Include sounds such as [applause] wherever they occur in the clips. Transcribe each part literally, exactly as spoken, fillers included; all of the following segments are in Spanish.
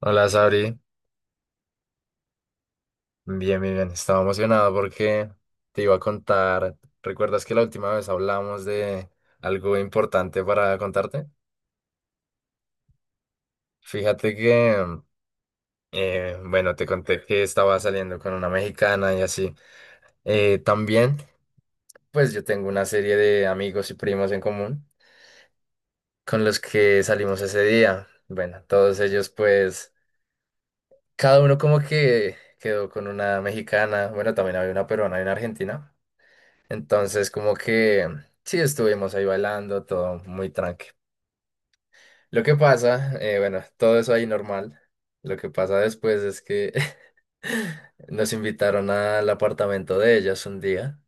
Hola, Sabri. Bien, bien, bien. Estaba emocionado porque te iba a contar. ¿Recuerdas que la última vez hablamos de algo importante para contarte? Fíjate que, eh, bueno, te conté que estaba saliendo con una mexicana y así. Eh, también, pues yo tengo una serie de amigos y primos en común con los que salimos ese día. Bueno, todos ellos, pues, cada uno como que quedó con una mexicana. Bueno, también había una peruana y una argentina. Entonces, como que sí estuvimos ahí bailando, todo muy tranqui. Lo que pasa, eh, bueno, todo eso ahí normal. Lo que pasa después es que [laughs] nos invitaron al apartamento de ellas un día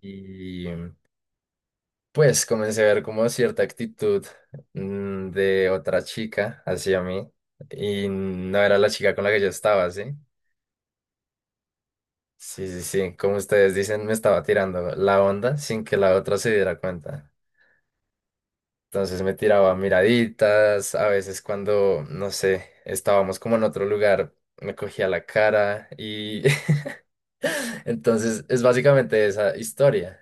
y pues comencé a ver como cierta actitud mm, de otra chica hacia mí y no era la chica con la que yo estaba, ¿sí? Sí, sí, sí, como ustedes dicen, me estaba tirando la onda sin que la otra se diera cuenta. Entonces me tiraba miraditas, a veces cuando, no sé, estábamos como en otro lugar, me cogía la cara y [laughs] entonces es básicamente esa historia.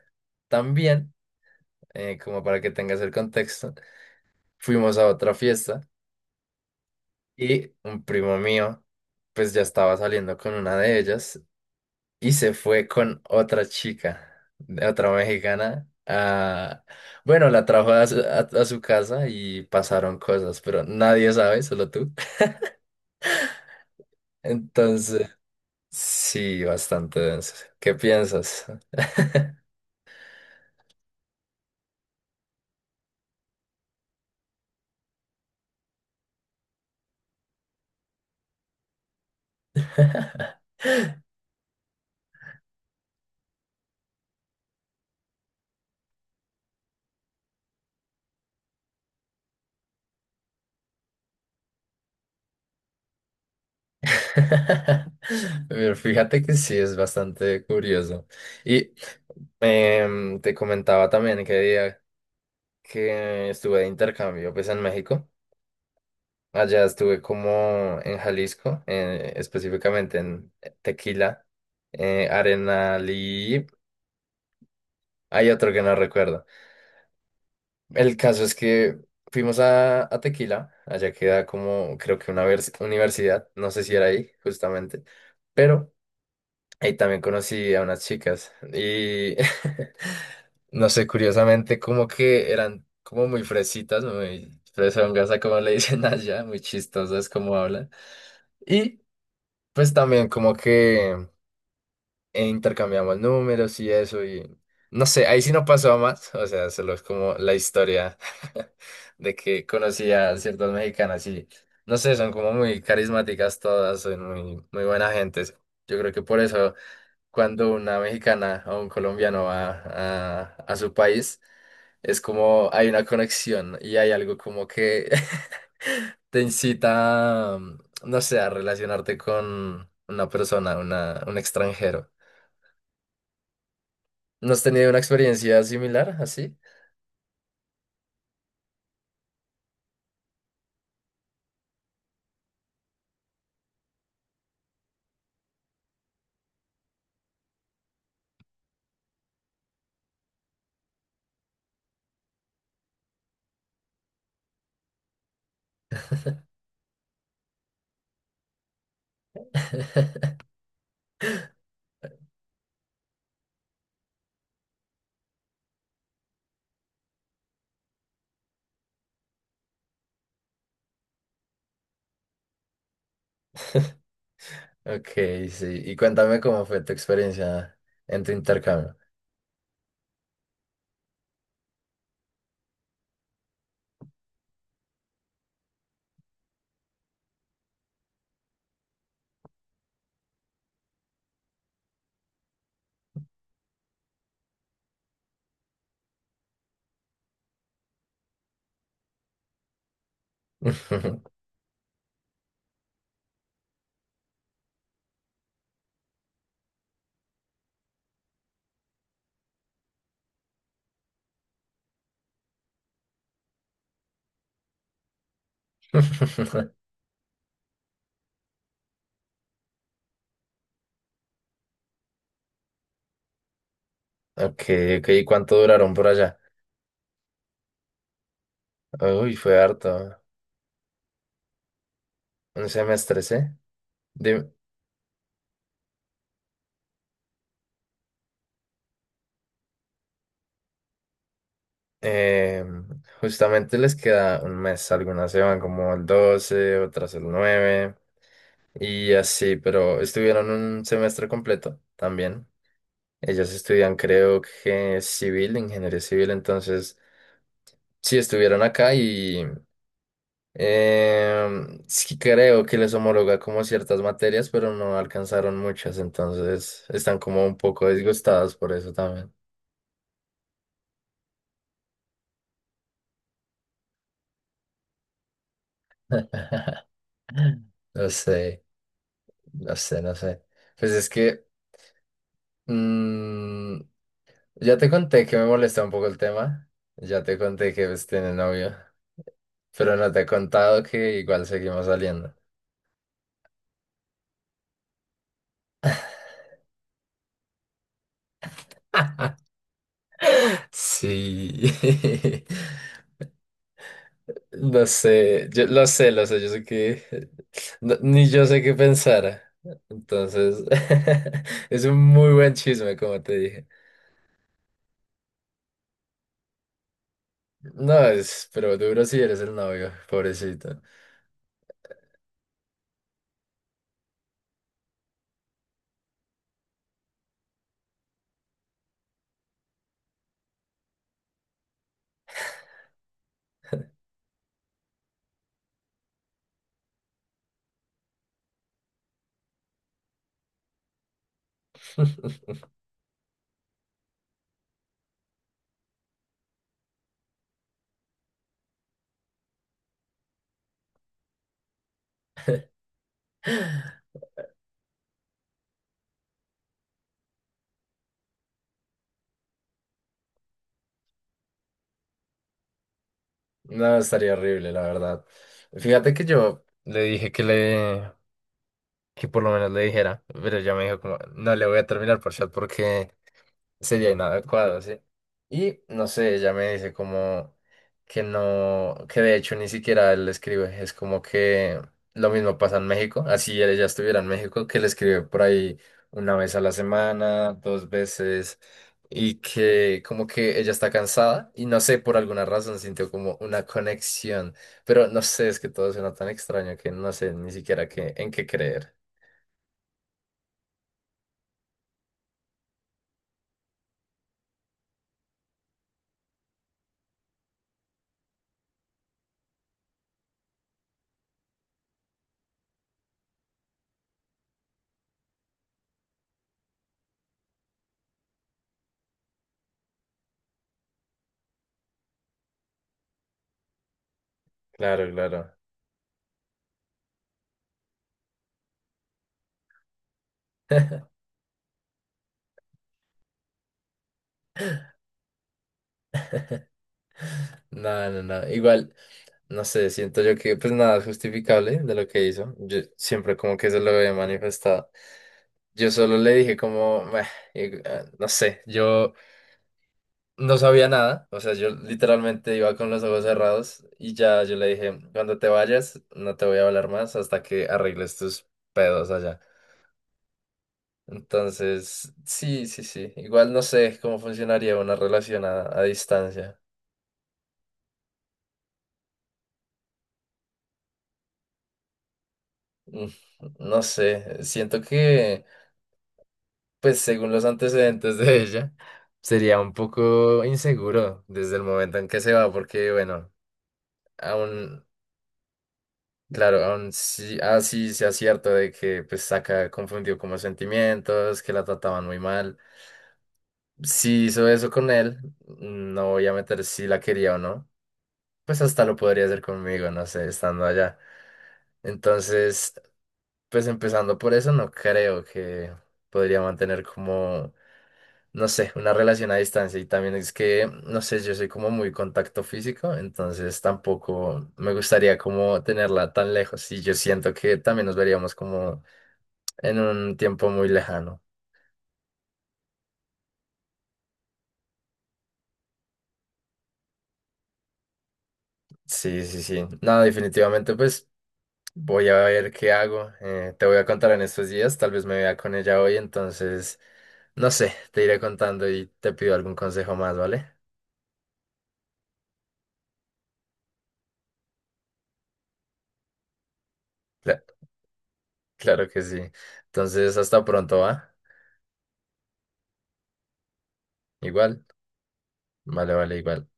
También, eh, como para que tengas el contexto, fuimos a otra fiesta y un primo mío, pues ya estaba saliendo con una de ellas y se fue con otra chica, de otra mexicana. A- bueno, la trajo a su, a- a su casa y pasaron cosas, pero nadie sabe, solo tú. [laughs] Entonces, sí, bastante denso. ¿Qué piensas? [laughs] Pero fíjate que sí, es bastante curioso. Y em, te comentaba también que día que estuve de intercambio, pues en México. Allá estuve como en Jalisco, eh, específicamente en Tequila, eh, Arenal y hay otro que no recuerdo. El caso es que fuimos a, a Tequila, allá queda como creo que una vers- universidad, no sé si era ahí justamente, pero ahí también conocí a unas chicas y [laughs] no sé, curiosamente como que eran como muy fresitas, muy fresongas, a como le dicen allá, muy chistosas como hablan. Y pues también como que eh, intercambiamos números y eso y no sé, ahí sí no pasó a más, o sea, solo es como la historia [laughs] de que conocí a ciertas mexicanas y no sé, son como muy carismáticas todas, son muy, muy buena gente. Yo creo que por eso cuando una mexicana o un colombiano va a, a su país, es como hay una conexión y hay algo como que [laughs] te incita, mm, no sé, a relacionarte con una persona, una, un extranjero. ¿No has tenido una experiencia similar así? [laughs] Ok, sí. Y cuéntame cómo fue tu experiencia en tu intercambio. [laughs] Ok, ok. ¿Y cuánto duraron por allá? Uy, fue harto. Un semestre, ¿sí? Dim- eh, Justamente les queda un mes. Algunas se van como el doce, otras el nueve. Y así, pero estuvieron un semestre completo también. Ellas estudian, creo que civil, ingeniería civil, entonces sí estuvieron acá y em, sí creo que les homologa como ciertas materias, pero no alcanzaron muchas, entonces están como un poco disgustadas por eso también. [laughs] No sé, no sé, no sé. Pues es que mm, ya te conté que me molesta un poco el tema. Ya te conté que pues tiene novio. Pero no te he contado que igual seguimos saliendo. [laughs] Sí. [laughs] Lo sé, yo lo sé, lo sé, yo sé que no- ni yo sé qué pensar. Entonces, [laughs] es un muy buen chisme, como te dije. No, es, pero duro si eres el novio, pobrecito. [laughs] No, estaría horrible, la verdad. Fíjate que yo le dije que le, que por lo menos le dijera, pero ella me dijo como, no le voy a terminar por chat porque sería inadecuado, ¿sí? Y no sé, ella me dice como que no, que de hecho ni siquiera él le escribe, es como que lo mismo pasa en México, así ella estuviera en México, que le escribe por ahí una vez a la semana, dos veces, y que como que ella está cansada y no sé, por alguna razón sintió como una conexión, pero no sé, es que todo suena tan extraño que no sé ni siquiera qué, en qué creer. Claro, claro. [laughs] No, no, no. Igual. No sé, siento yo que pues nada es justificable de lo que hizo. Yo siempre como que se lo he manifestado. Yo solo le dije como, "Meh", y, ah, no sé, yo no sabía nada. O sea, yo literalmente iba con los ojos cerrados y ya yo le dije, cuando te vayas, no te voy a hablar más hasta que arregles tus pedos allá. Entonces, sí, sí, sí. Igual no sé cómo funcionaría una relación a, a distancia. Mm, No sé, siento que. Pues según los antecedentes de ella, sería un poco inseguro desde el momento en que se va, porque bueno, aún, claro, aún sí, así sea cierto de que pues Saka confundió como sentimientos, que la trataban muy mal. Si hizo eso con él, no voy a meter si la quería o no, pues hasta lo podría hacer conmigo, no sé, estando allá. Entonces, pues empezando por eso, no creo que podría mantener como no sé, una relación a distancia. Y también es que, no sé, yo soy como muy contacto físico, entonces tampoco me gustaría como tenerla tan lejos. Y yo siento que también nos veríamos como en un tiempo muy lejano. Sí, sí, sí. No, definitivamente, pues voy a ver qué hago. Eh, te voy a contar en estos días, tal vez me vea con ella hoy, entonces, no sé, te iré contando y te pido algún consejo más, ¿vale? Cla- claro que sí. Entonces, hasta pronto, ¿va? Igual. Vale, vale, igual.